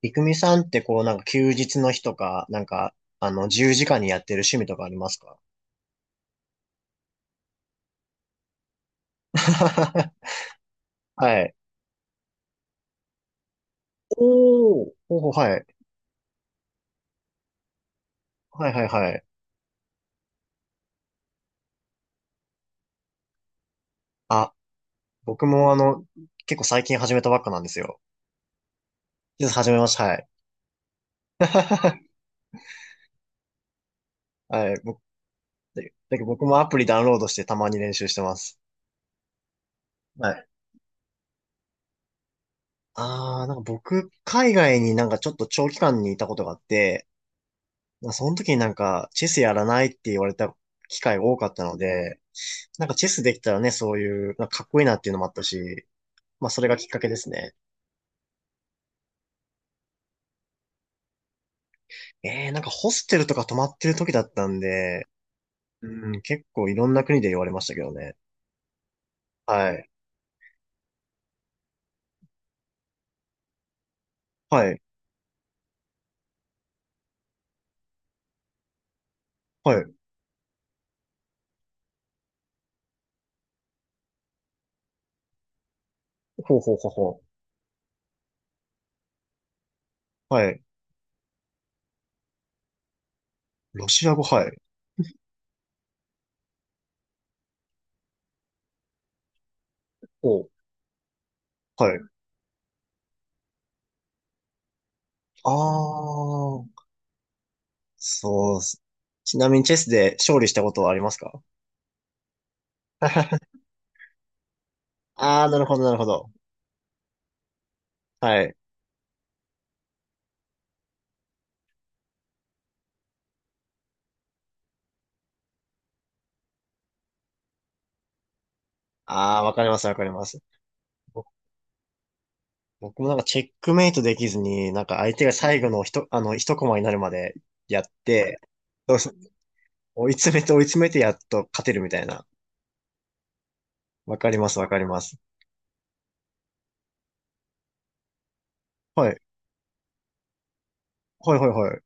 いくみさんってこう、なんか休日の日とか、なんか、自由時間にやってる趣味とかありますか？ はい。おー、おー、はい。はいはいはい。あ、僕も結構最近始めたばっかなんですよ。実は始めました、はい。はい。だけど僕もアプリダウンロードしてたまに練習してます。はい。なんか僕、海外になんかちょっと長期間にいたことがあって、まあ、その時になんか、チェスやらないって言われた機会が多かったので、なんかチェスできたらね、そういう、なんかかっこいいなっていうのもあったし、まあそれがきっかけですね。なんかホステルとか泊まってる時だったんで、うん、結構いろんな国で言われましたけどね。はい。はい。はい。ほうほうほうほう。はい。ロシア語、はい。ほう。はい。あー、そうっす。ちなみにチェスで勝利したことはありますか？ あー、なるほど、なるほど。はい。あー、わかります、わかります。僕もなんかチェックメイトできずに、なんか相手が最後の一、あの、一コマになるまでやって、どうし追い詰めて追い詰めて、やっと勝てるみたいな。わかります、わかります。はい。はい、はい、はい。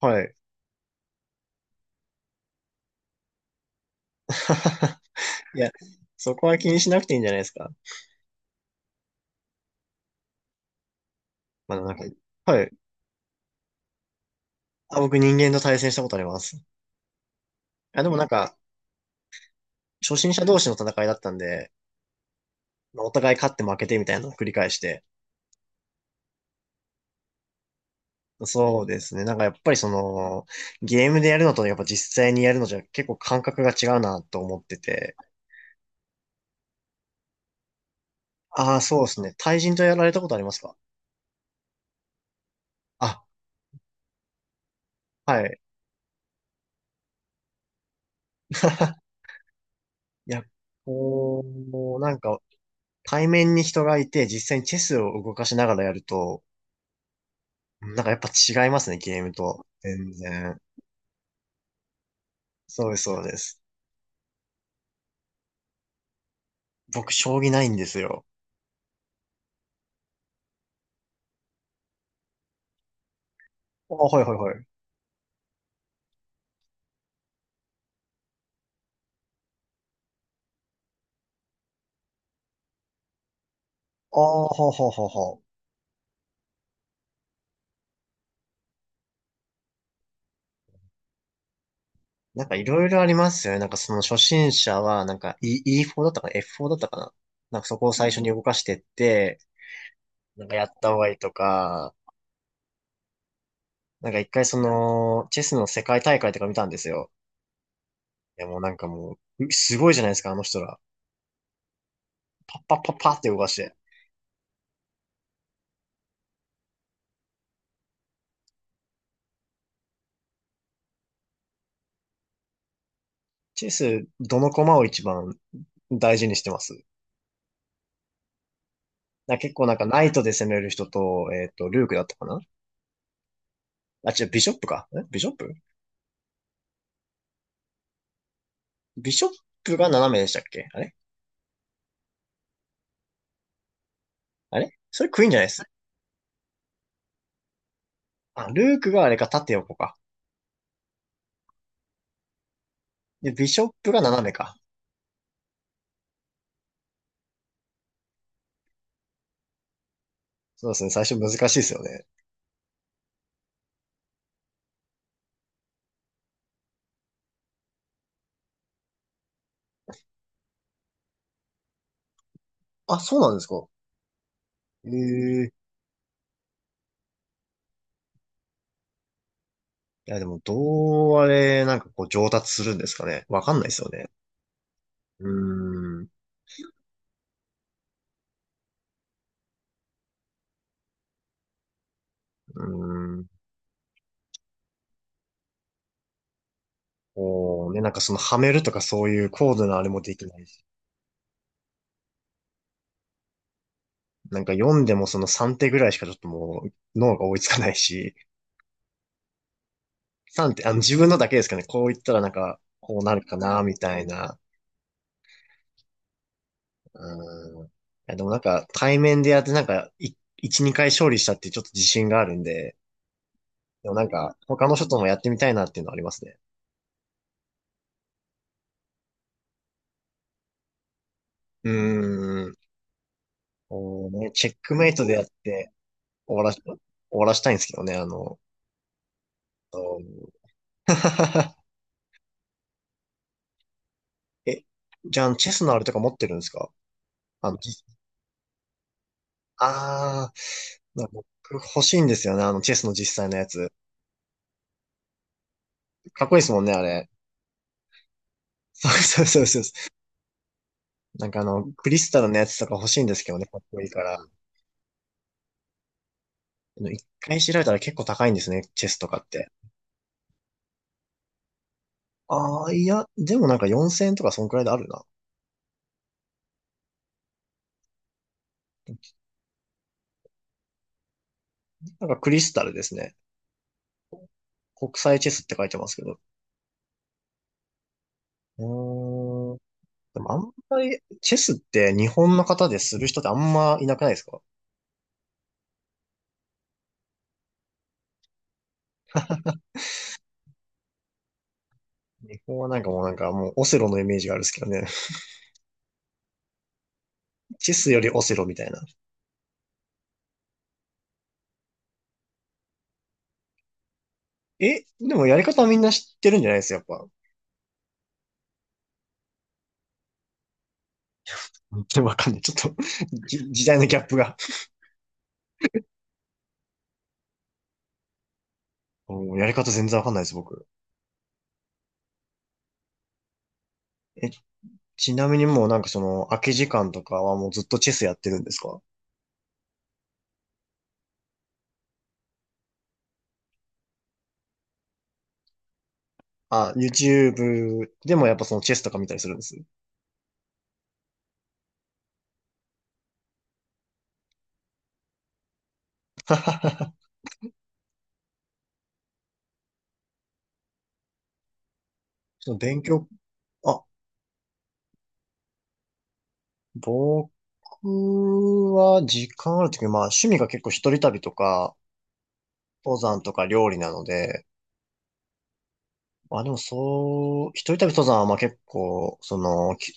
はい。いや、そこは気にしなくていいんじゃないですか？まあ、なんか、はい。あ、僕人間と対戦したことあります。あ、でもなんか、初心者同士の戦いだったんで、まあお互い勝って負けてみたいなのを繰り返して、そうですね。なんかやっぱりその、ゲームでやるのとねやっぱ実際にやるのじゃ結構感覚が違うなと思ってて。ああ、そうですね。対人とやられたことありますか？あ、はい。いや、こう、なんか対面に人がいて実際にチェスを動かしながらやると、なんかやっぱ違いますね、ゲームと。全然。そうです、そうです。僕、将棋ないんですよ。あ、はいはいはい。ああ、ほうほうほうほう。なんかいろいろありますよね。なんかその初心者は、なんか E、ォ4だったかな？ F4 だったかな？なんかそこを最初に動かしてって、なんかやった方がいいとか、なんか一回その、チェスの世界大会とか見たんですよ。いやもうなんかもう、すごいじゃないですか、あの人ら。パッパッパッパって動かして。チェス、どの駒を一番大事にしてます？なんか結構なんかナイトで攻める人と、ルークだったかな？あ、違う、ビショップか。ビショップ、ビショップが斜めでしたっけ、あれ？あれ、それクイーンじゃないです？あ、ルークがあれか、縦横か。で、ビショップが斜めか。そうですね、最初難しいですよね。あ、そうなんですか？ええ、いや、でも、どうあれ、なんかこう、上達するんですかね？わかんないですよね。うーん、うーん。こうね、なんかその、はめるとかそういう高度なあれもできないし。なんか読んでもその3手ぐらいしかちょっともう、脳が追いつかないし。3手、自分のだけですかね。こう言ったらなんか、こうなるかな、みたいな。うん。いや、でもなんか、対面でやってなんか、一、二回勝利したってちょっと自信があるんで、でもなんか、他の人ともやってみたいなっていうのはありますね。うーん。こうね、チェックメイトでやって終わらしたいんですけどね、うん。 え、じゃあ、チェスのあれとか持ってるんですか？あの、実あー、なんか僕欲しいんですよね、チェスの実際のやつ。かっこいいですもんね、あれ。そうそうそうそう。なんかクリスタルのやつとか欲しいんですけどね、かっこいいから。一回調べたら結構高いんですね、チェスとかって。ああ、いや、でもなんか4000円とかそんくらいであるな。なんかクリスタルですね。国際チェスって書いてますけど。うーん。でもあんまり、チェスって日本の方でする人ってあんまいなくないですか？日本はなんかもうなんかもうオセロのイメージがあるんですけどね。チェスよりオセロみたいな。え、でもやり方はみんな知ってるんじゃないですか、やっぱ？でもわかんない。ちょっと 時代のギャップが。もうやり方全然わかんないです、僕。え、ちなみにもうなんかその空き時間とかはもうずっとチェスやってるんですか？あ、YouTube でもやっぱそのチェスとか見たりするんです？その勉強、あ、僕は時間あるとき、まあ趣味が結構一人旅とか、登山とか料理なので、まあでもそう、一人旅登山はまあ結構、その、き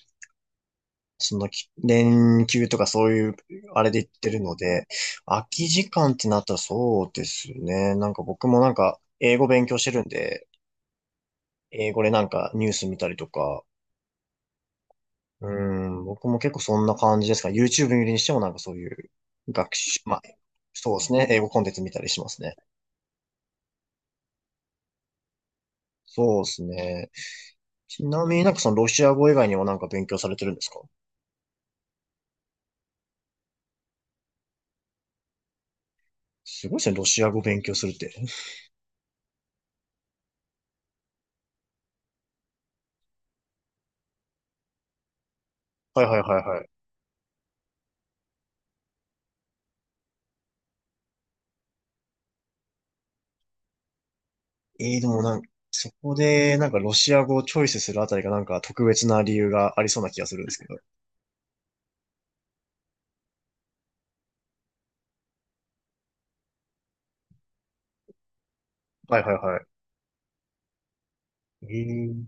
そのき連休とかそういう、あれで行ってるので、空き時間ってなったらそうですね。なんか僕もなんか英語勉強してるんで、英語でなんかニュース見たりとか、うん、僕も結構そんな感じですか？YouTube 見るにしてもなんかそういう学習、まあ、そうですね。英語コンテンツ見たりしますね。そうですね。ちなみになんかそのロシア語以外にもなんか勉強されてるんですか？すごいですね。ロシア語勉強するって。はいはいはいはい。でもなんか、そこでなんかロシア語をチョイスするあたりがなんか特別な理由がありそうな気がするんですけど。はいはいはい。えー、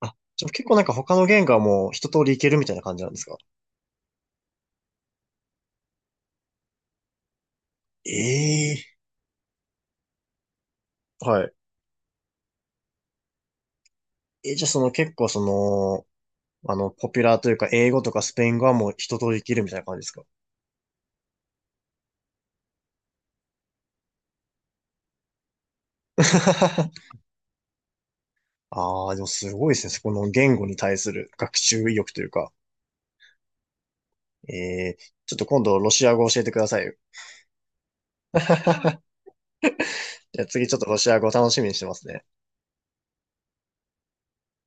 あ、じゃあ結構なんか他の言語はもう一通りいけるみたいな感じなんですか？ええはい。え、じゃあその結構その、ポピュラーというか、英語とかスペイン語はもう一通りできるみたいな感じですか？ ああ、でもすごいですね。そこの言語に対する学習意欲というか。ええ、ちょっと今度ロシア語教えてくださいよ。じゃあ次ちょっとロシア語楽しみにしてますね。